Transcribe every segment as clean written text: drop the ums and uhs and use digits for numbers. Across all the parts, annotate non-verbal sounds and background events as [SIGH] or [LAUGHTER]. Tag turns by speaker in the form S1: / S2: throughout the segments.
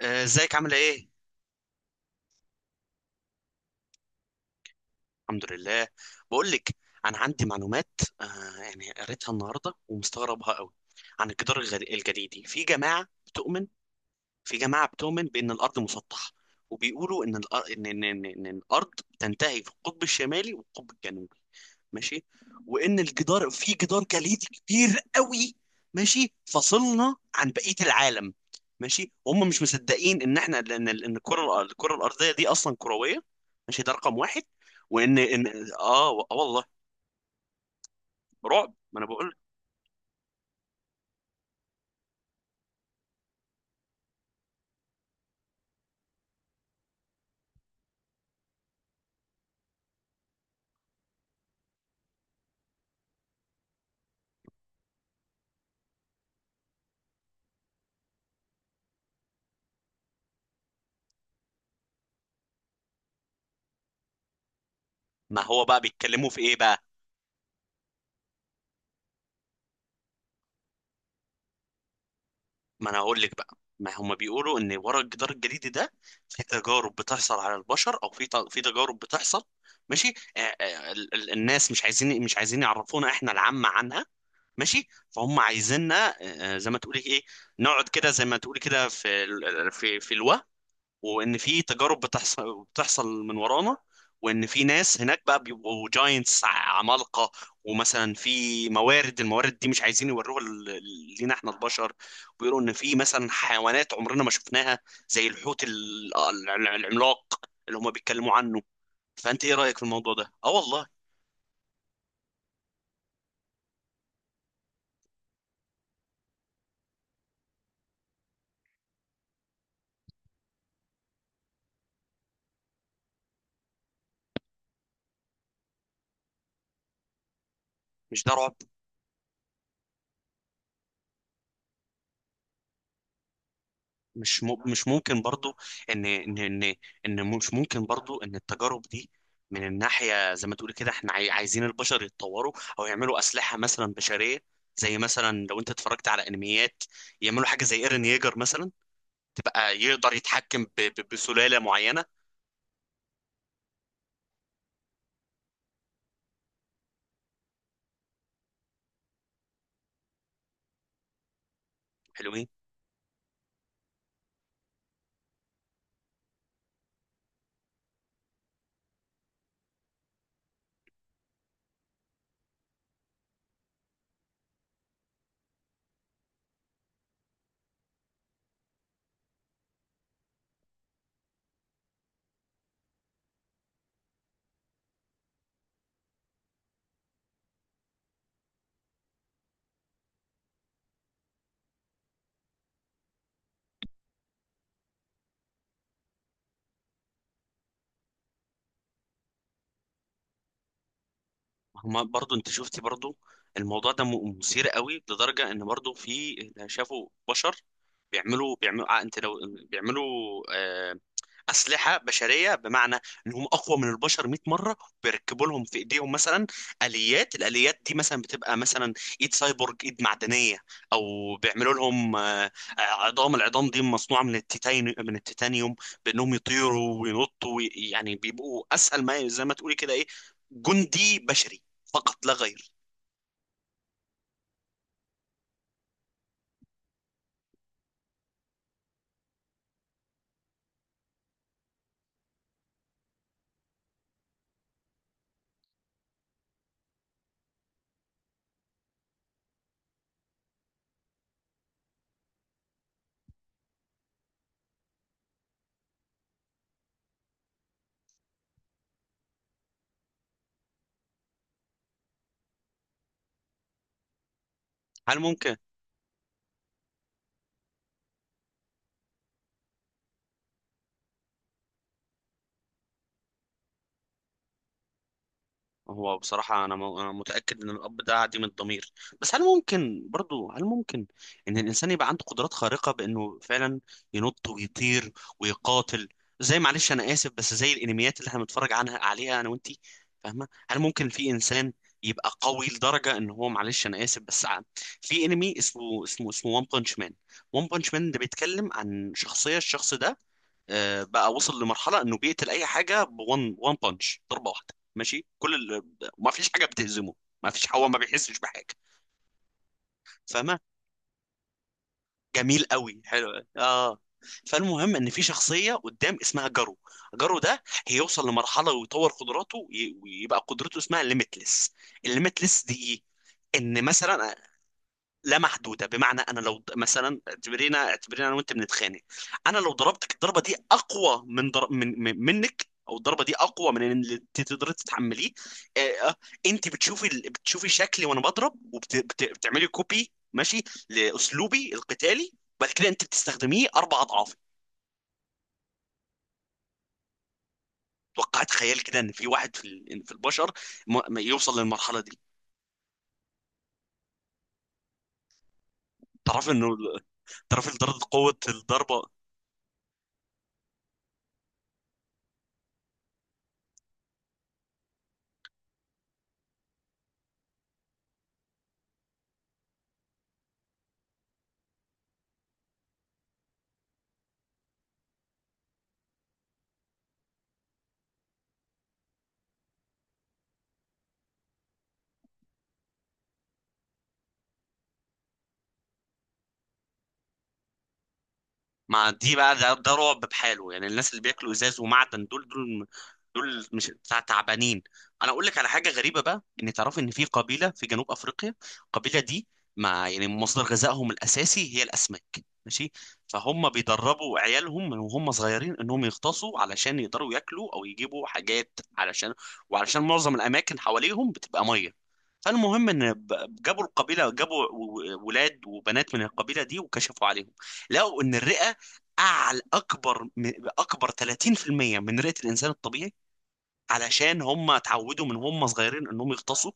S1: ازيك عامله ايه؟ الحمد لله. بقول لك. انا عندي معلومات. يعني قريتها النهارده ومستغربها قوي. عن الجدار الجليدي. في جماعه بتؤمن بان الارض مسطحه. وبيقولوا ان الأر- ان ان ان, إن الارض تنتهي في القطب الشمالي والقطب الجنوبي. ماشي. وان في جدار جليدي كبير قوي. ماشي، فصلنا عن بقيه العالم. ماشي، وهم مش مصدقين ان احنا ان ان الكره الارضيه دي اصلا كرويه. ماشي، ده رقم واحد. وان. اه، والله. رعب، ما انا بقول. ما هو بقى بيتكلموا في ايه بقى؟ ما انا هقول لك بقى ما هم بيقولوا ان ورا الجدار الجليدي ده في تجارب بتحصل على البشر، او في تجارب بتحصل. ماشي، الناس مش عايزين يعرفونا احنا العامة عنها. ماشي، فهم عايزيننا، زي ما تقولي ايه، نقعد كده زي ما تقولي كده في الوهم. وان في تجارب بتحصل من ورانا. وان في ناس هناك بقى بيبقوا جاينتس عمالقه. ومثلا في الموارد دي مش عايزين يوروها لينا احنا البشر. بيقولوا ان في مثلا حيوانات عمرنا ما شفناها، زي الحوت العملاق اللي هم بيتكلموا عنه. فانت ايه رايك في الموضوع ده؟ اه والله. مش ده رعب؟ مش ممكن برضو، ان ان ان ان مش ممكن برضو ان التجارب دي من الناحية زي ما تقول كده احنا عايزين البشر يتطوروا او يعملوا اسلحة مثلا بشرية. زي مثلا لو انت اتفرجت على انميات، يعملوا حاجة زي ايرن ييجر مثلا، تبقى يقدر يتحكم بسلالة معينة. حلوين. هما برضو انت شفتي برضو الموضوع ده مثير قوي لدرجة ان برضو في، شافوا بشر بيعملوا انت لو بيعملوا آه، اسلحه بشريه، بمعنى انهم اقوى من البشر 100 مره. بيركبوا لهم في ايديهم مثلا اليات. الاليات دي مثلا بتبقى مثلا ايد سايبورج، ايد معدنيه. او بيعملوا لهم، عظام. العظام دي مصنوعه من التيتانيوم، بانهم يطيروا وينطوا يعني بيبقوا اسهل، ما زي ما تقولي كده ايه، جندي بشري فقط لا غير. هل ممكن؟ هو بصراحة، أنا متأكد إن الأب ده عديم الضمير. بس هل ممكن برضو، هل ممكن إن الإنسان يبقى عنده قدرات خارقة بإنه فعلا ينط ويطير ويقاتل، معلش أنا آسف، بس زي الأنميات اللي إحنا بنتفرج عليها، أنا وأنتي فاهمة؟ هل ممكن في إنسان يبقى قوي لدرجة إن هو، معلش أنا آسف، بس في أنمي اسمه، وان بانش مان. وان بانش مان ده بيتكلم عن الشخص ده، بقى وصل لمرحله انه بيقتل اي حاجه بون وان بانش ضربه واحده. ماشي، ما فيش حاجه بتهزمه. ما فيش هو ما بيحسش بحاجه. فاهمه؟ جميل قوي، حلو، اه. فالمهم ان في شخصيه قدام اسمها جارو. جارو ده هيوصل لمرحله ويطور قدراته ويبقى قدرته اسمها ليميتلس. الليميتلس دي ايه؟ ان مثلا لا محدوده. بمعنى، انا لو مثلا اعتبرينا، انا وانت بنتخانق، انا لو ضربتك، الضربه دي اقوى من, ضر... من... من منك، او الضربه دي اقوى من اللي انت تقدري تتحمليه. آه... آه، انت بتشوفي شكلي وانا بضرب، بتعملي كوبي، ماشي، لاسلوبي القتالي. وبعد كده انت بتستخدميه 4 اضعاف. توقعت خيال كده ان في واحد في البشر ما يوصل للمرحله دي. تعرف انه تعرف درجه قوه الضربه. مع دي بقى ده رعب بحاله. يعني الناس اللي بياكلوا ازاز ومعدن، دول دول دول مش تعبانين؟ انا اقول لك على حاجه غريبه بقى. ان تعرف ان في قبيله في جنوب افريقيا، القبيله دي يعني مصدر غذائهم الاساسي هي الاسماك. ماشي. فهم بيدربوا عيالهم من وهم صغيرين انهم يغطسوا، علشان يقدروا ياكلوا او يجيبوا حاجات وعلشان معظم الاماكن حواليهم بتبقى ميه. فالمهم، ان جابوا ولاد وبنات من القبيله دي وكشفوا عليهم، لقوا ان الرئه اعلى اكبر م- اكبر 30% من رئة الانسان الطبيعي، علشان هم اتعودوا من هم صغيرين انهم يغطسوا،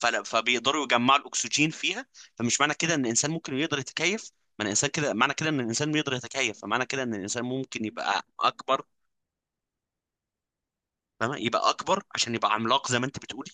S1: فبيقدروا يجمعوا الاكسجين فيها. فمش معنى كده ان الانسان ممكن يقدر يتكيف؟ معنى كده ان الانسان يقدر يتكيف، فمعنى كده ان الانسان ممكن يبقى اكبر. فاهمة؟ يبقى اكبر عشان يبقى عملاق زي ما انت بتقولي.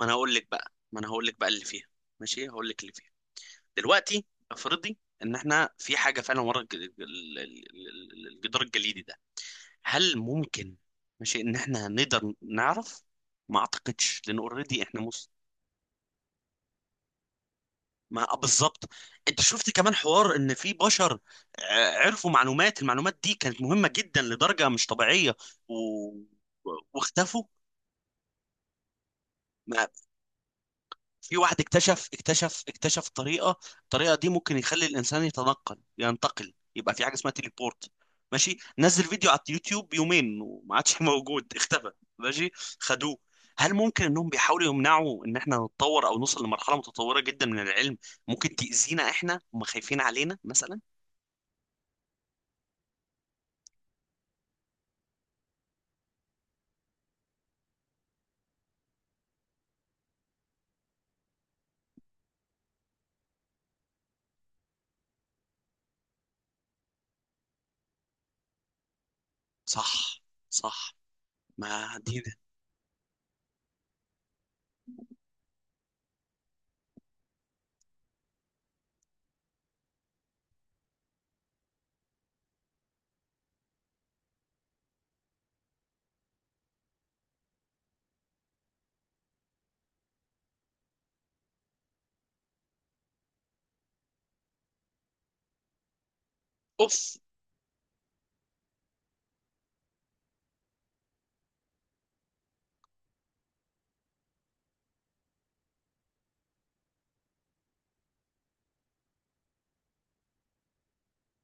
S1: ما انا هقول لك بقى ما انا هقول لك بقى اللي فيها. ماشي، هقول لك اللي فيها. دلوقتي افرضي ان احنا في حاجه فعلا ورا الجدار الجليدي ده، هل ممكن، ماشي، ان احنا نقدر نعرف؟ ما اعتقدش، لان اوريدي احنا ما آه، بالظبط. انت شفت كمان حوار ان في بشر عرفوا المعلومات دي كانت مهمة جدا لدرجة مش طبيعية، و... واختفوا. في واحد اكتشف طريقة، الطريقة دي ممكن يخلي الإنسان ينتقل، يبقى في حاجة اسمها تيليبورت. ماشي، نزل فيديو على اليوتيوب يومين وما عادش [LAUGHS] موجود، اختفى. ماشي، خدوه. هل ممكن انهم بيحاولوا يمنعوا ان احنا نتطور او نوصل لمرحلة متطورة جدا من العلم؟ ممكن تأذينا احنا، هم خايفين علينا مثلا. صح، صح. ما دي ده. اوف.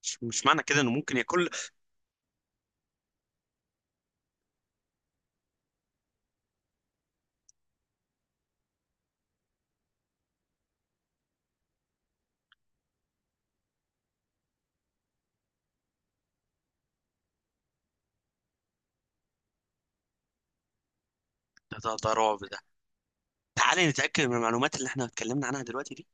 S1: مش معنى كده انه ممكن ياكل؟ ده رعب، ده. تعالي نتأكد من المعلومات اللي احنا اتكلمنا عنها دلوقتي دي.